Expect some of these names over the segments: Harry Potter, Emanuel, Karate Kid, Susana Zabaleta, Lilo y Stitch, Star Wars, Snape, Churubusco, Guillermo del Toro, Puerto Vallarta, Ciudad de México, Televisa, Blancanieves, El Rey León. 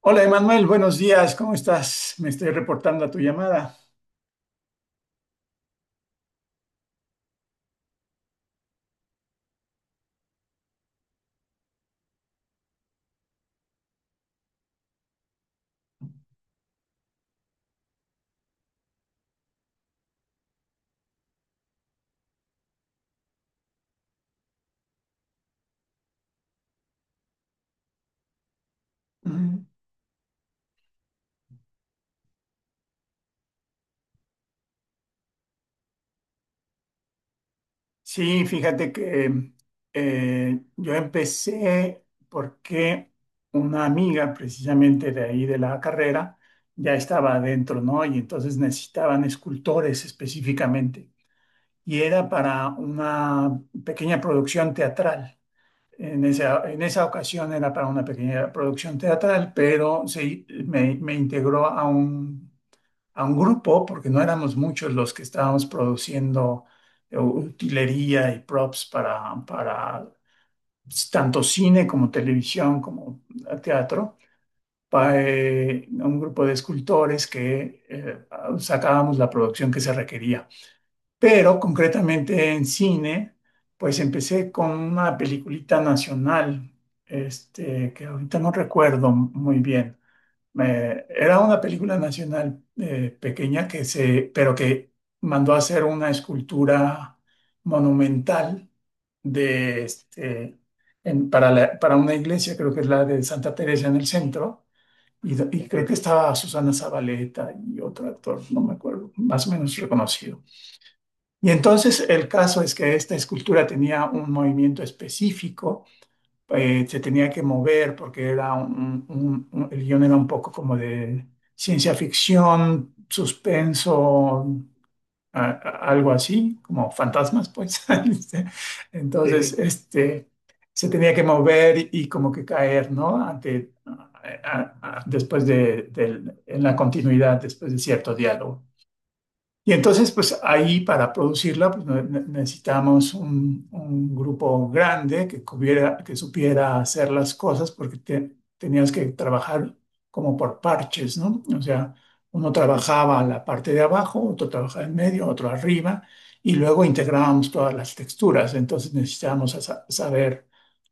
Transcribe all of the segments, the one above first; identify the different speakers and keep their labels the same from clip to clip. Speaker 1: Hola Emanuel, buenos días, ¿cómo estás? Me estoy reportando a tu llamada. Ujú. Sí, fíjate que yo empecé porque una amiga precisamente de ahí de la carrera ya estaba adentro, ¿no? Y entonces necesitaban escultores específicamente. Y era para una pequeña producción teatral. En esa ocasión era para una pequeña producción teatral, pero sí, me integró a un grupo, porque no éramos muchos los que estábamos produciendo utilería y props para tanto cine como televisión como teatro, para un grupo de escultores que sacábamos la producción que se requería. Pero concretamente en cine, pues empecé con una peliculita nacional, este, que ahorita no recuerdo muy bien era una película nacional pequeña que se, pero que mandó a hacer una escultura monumental de este, para para una iglesia, creo que es la de Santa Teresa en el centro, y, y creo que estaba Susana Zabaleta y otro actor, no me acuerdo, más o menos reconocido. Y entonces el caso es que esta escultura tenía un movimiento específico, se tenía que mover porque era el guión era un poco como de ciencia ficción, suspenso, algo así, como fantasmas, pues. Este, entonces, sí, este, se tenía que mover y, como que caer, ¿no? Ante, a- Después de, en la continuidad, después de cierto diálogo. Y entonces, pues ahí para producirla pues, necesitamos un grupo grande que que supiera hacer las cosas porque tenías que trabajar como por parches, ¿no? O sea, uno trabajaba la parte de abajo, otro trabajaba en medio, otro arriba, y luego integrábamos todas las texturas. Entonces necesitábamos a saber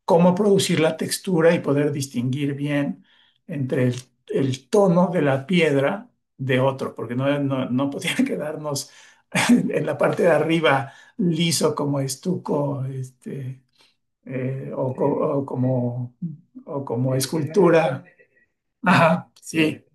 Speaker 1: cómo producir la textura y poder distinguir bien entre el tono de la piedra de otro, porque no podía quedarnos en la parte de arriba liso como estuco, este, o, o como, o como escultura. Ajá, sí.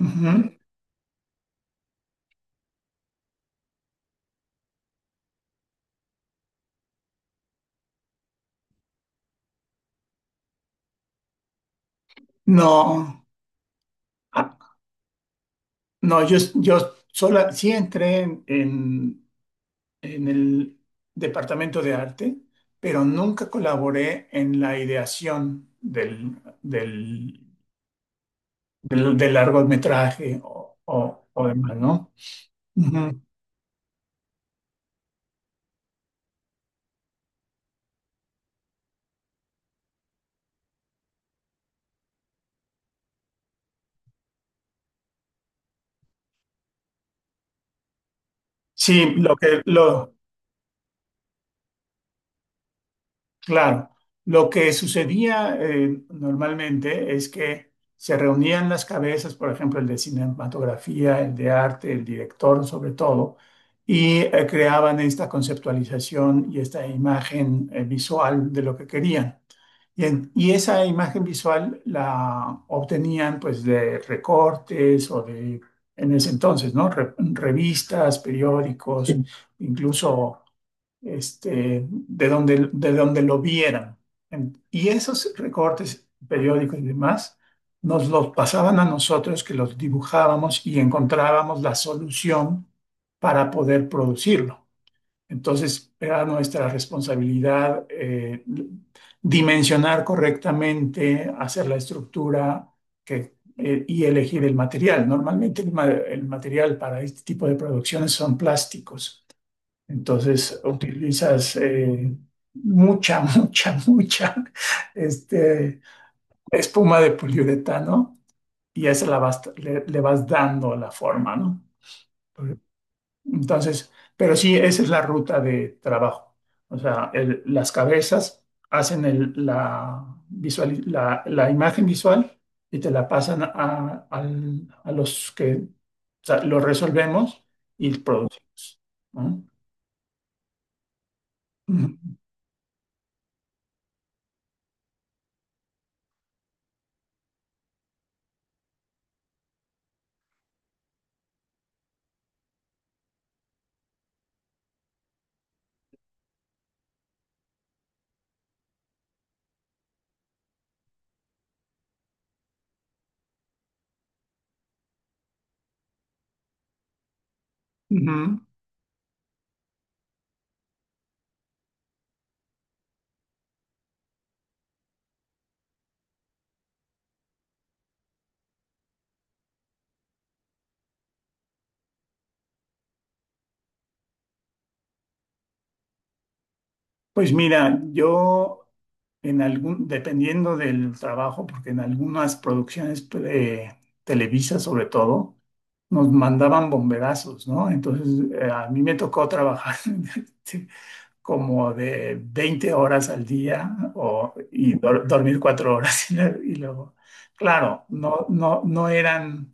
Speaker 1: Ujú. No, ah, no, yo sola, sí entré en el departamento de arte, pero nunca colaboré en la ideación del, del largometraje o demás, ¿no? Ujú. Sí, lo que lo claro, lo que sucedía normalmente es que se reunían las cabezas, por ejemplo, el de cinematografía, el de arte, el director, sobre todo, y creaban esta conceptualización y esta imagen visual de lo que querían. Y, y esa imagen visual la obtenían pues de recortes o de en ese entonces, ¿no? Revistas, periódicos, incluso este, de donde lo vieran. Y esos recortes periódicos y demás nos los pasaban a nosotros que los dibujábamos y encontrábamos la solución para poder producirlo. Entonces era nuestra responsabilidad, dimensionar correctamente, hacer la estructura que, y elegir el material. Normalmente el el material para este tipo de producciones son plásticos, entonces utilizas mucha, mucha este, espuma de poliuretano y a esa le vas dando la forma, ¿no? Entonces, pero sí, esa es la ruta de trabajo. O sea, las cabezas hacen la imagen visual y te la pasan a, a los que o sea, lo resolvemos y producimos, ¿no? Ujú. Ujú. Pues mira, yo en algún, dependiendo del trabajo, porque en algunas producciones Televisa sobre todo, nos mandaban bomberazos, ¿no? Entonces a mí me tocó trabajar sí, como de 20 horas al día o, y dormir 4 horas y, y luego, claro, no eran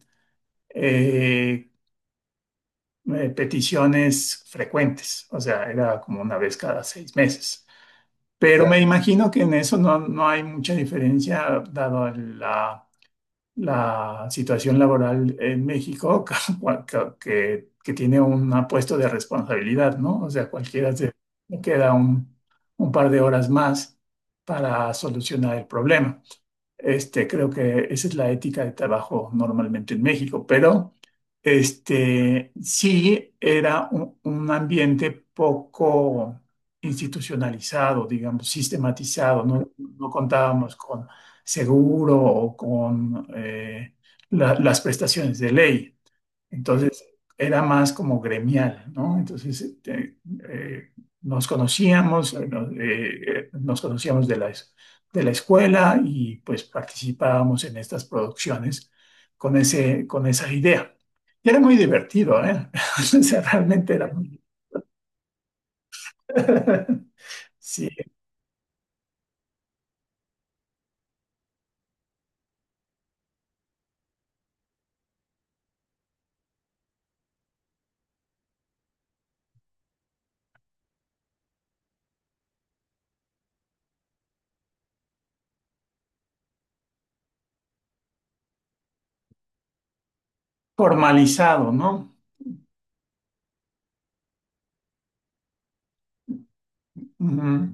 Speaker 1: eh, peticiones frecuentes, o sea, era como una vez cada 6 meses. Pero me claro, imagino que en eso no hay mucha diferencia, dado la, la situación laboral en México, que tiene un puesto de responsabilidad, ¿no? O sea, cualquiera se le queda un par de horas más para solucionar el problema. Este, creo que esa es la ética de trabajo normalmente en México, pero este, sí era un ambiente poco institucionalizado, digamos, sistematizado. No, no contábamos con seguro o con las prestaciones de ley. Entonces era más como gremial, ¿no? Entonces este, eh, nos conocíamos, nos conocíamos de de la escuela y pues participábamos en estas producciones con ese, con esa idea. Y era muy divertido, ¿eh? O sea, realmente era muy... Sí, formalizado, ¿no? Ujú,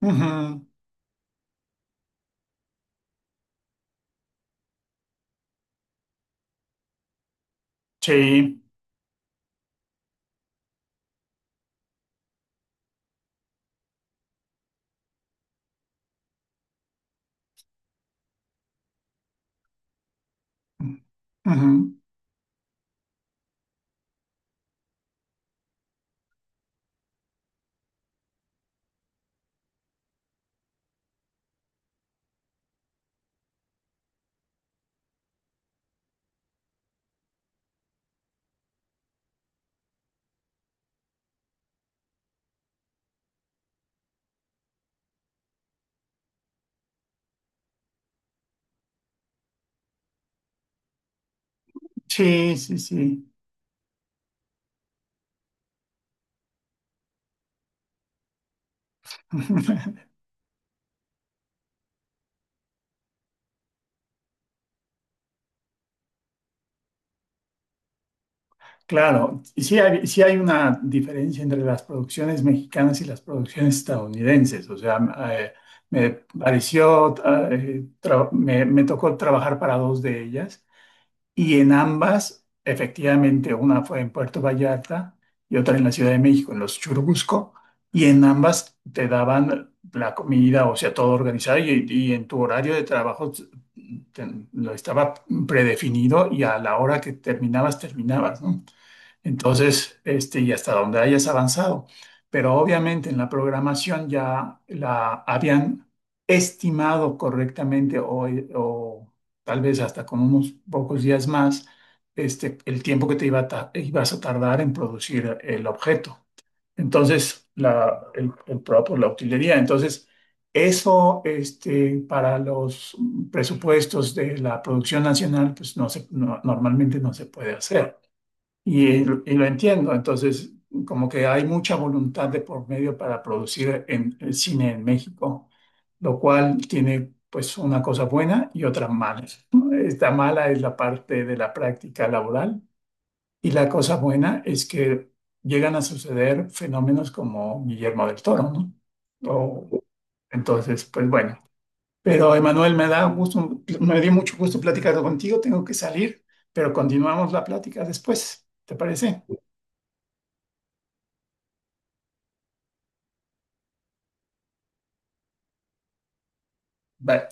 Speaker 1: ujú, sí, ujú, sí, sí, sí. Claro, sí hay una diferencia entre las producciones mexicanas y las producciones estadounidenses. O sea, eh, me pareció, me, me tocó trabajar para dos de ellas y en ambas, efectivamente, una fue en Puerto Vallarta y otra en la Ciudad de México, en los Churubusco, y en ambas te daban la comida, o sea, todo organizado y en tu horario de trabajo te- lo estaba predefinido y a la hora que terminabas, terminabas, ¿no? Entonces, este, y hasta donde hayas avanzado. Pero obviamente en la programación ya la habían estimado correctamente o tal vez hasta con unos pocos días más, este, el tiempo que te iba a ibas a tardar en producir el objeto. Entonces, el propio, la utilería. Entonces, eso, este, para los presupuestos de la producción nacional, pues no se, no- normalmente no se puede hacer. Y lo entiendo, entonces como que hay mucha voluntad de por medio para producir en, el cine en México, lo cual tiene pues una cosa buena y otra mala. Esta mala es la parte de la práctica laboral y la cosa buena es que llegan a suceder fenómenos como Guillermo del Toro, ¿no? O, entonces, pues bueno. Pero Emanuel, me da gusto, me dio mucho gusto platicar contigo, tengo que salir, pero continuamos la plática después, ¿te parece? Bye.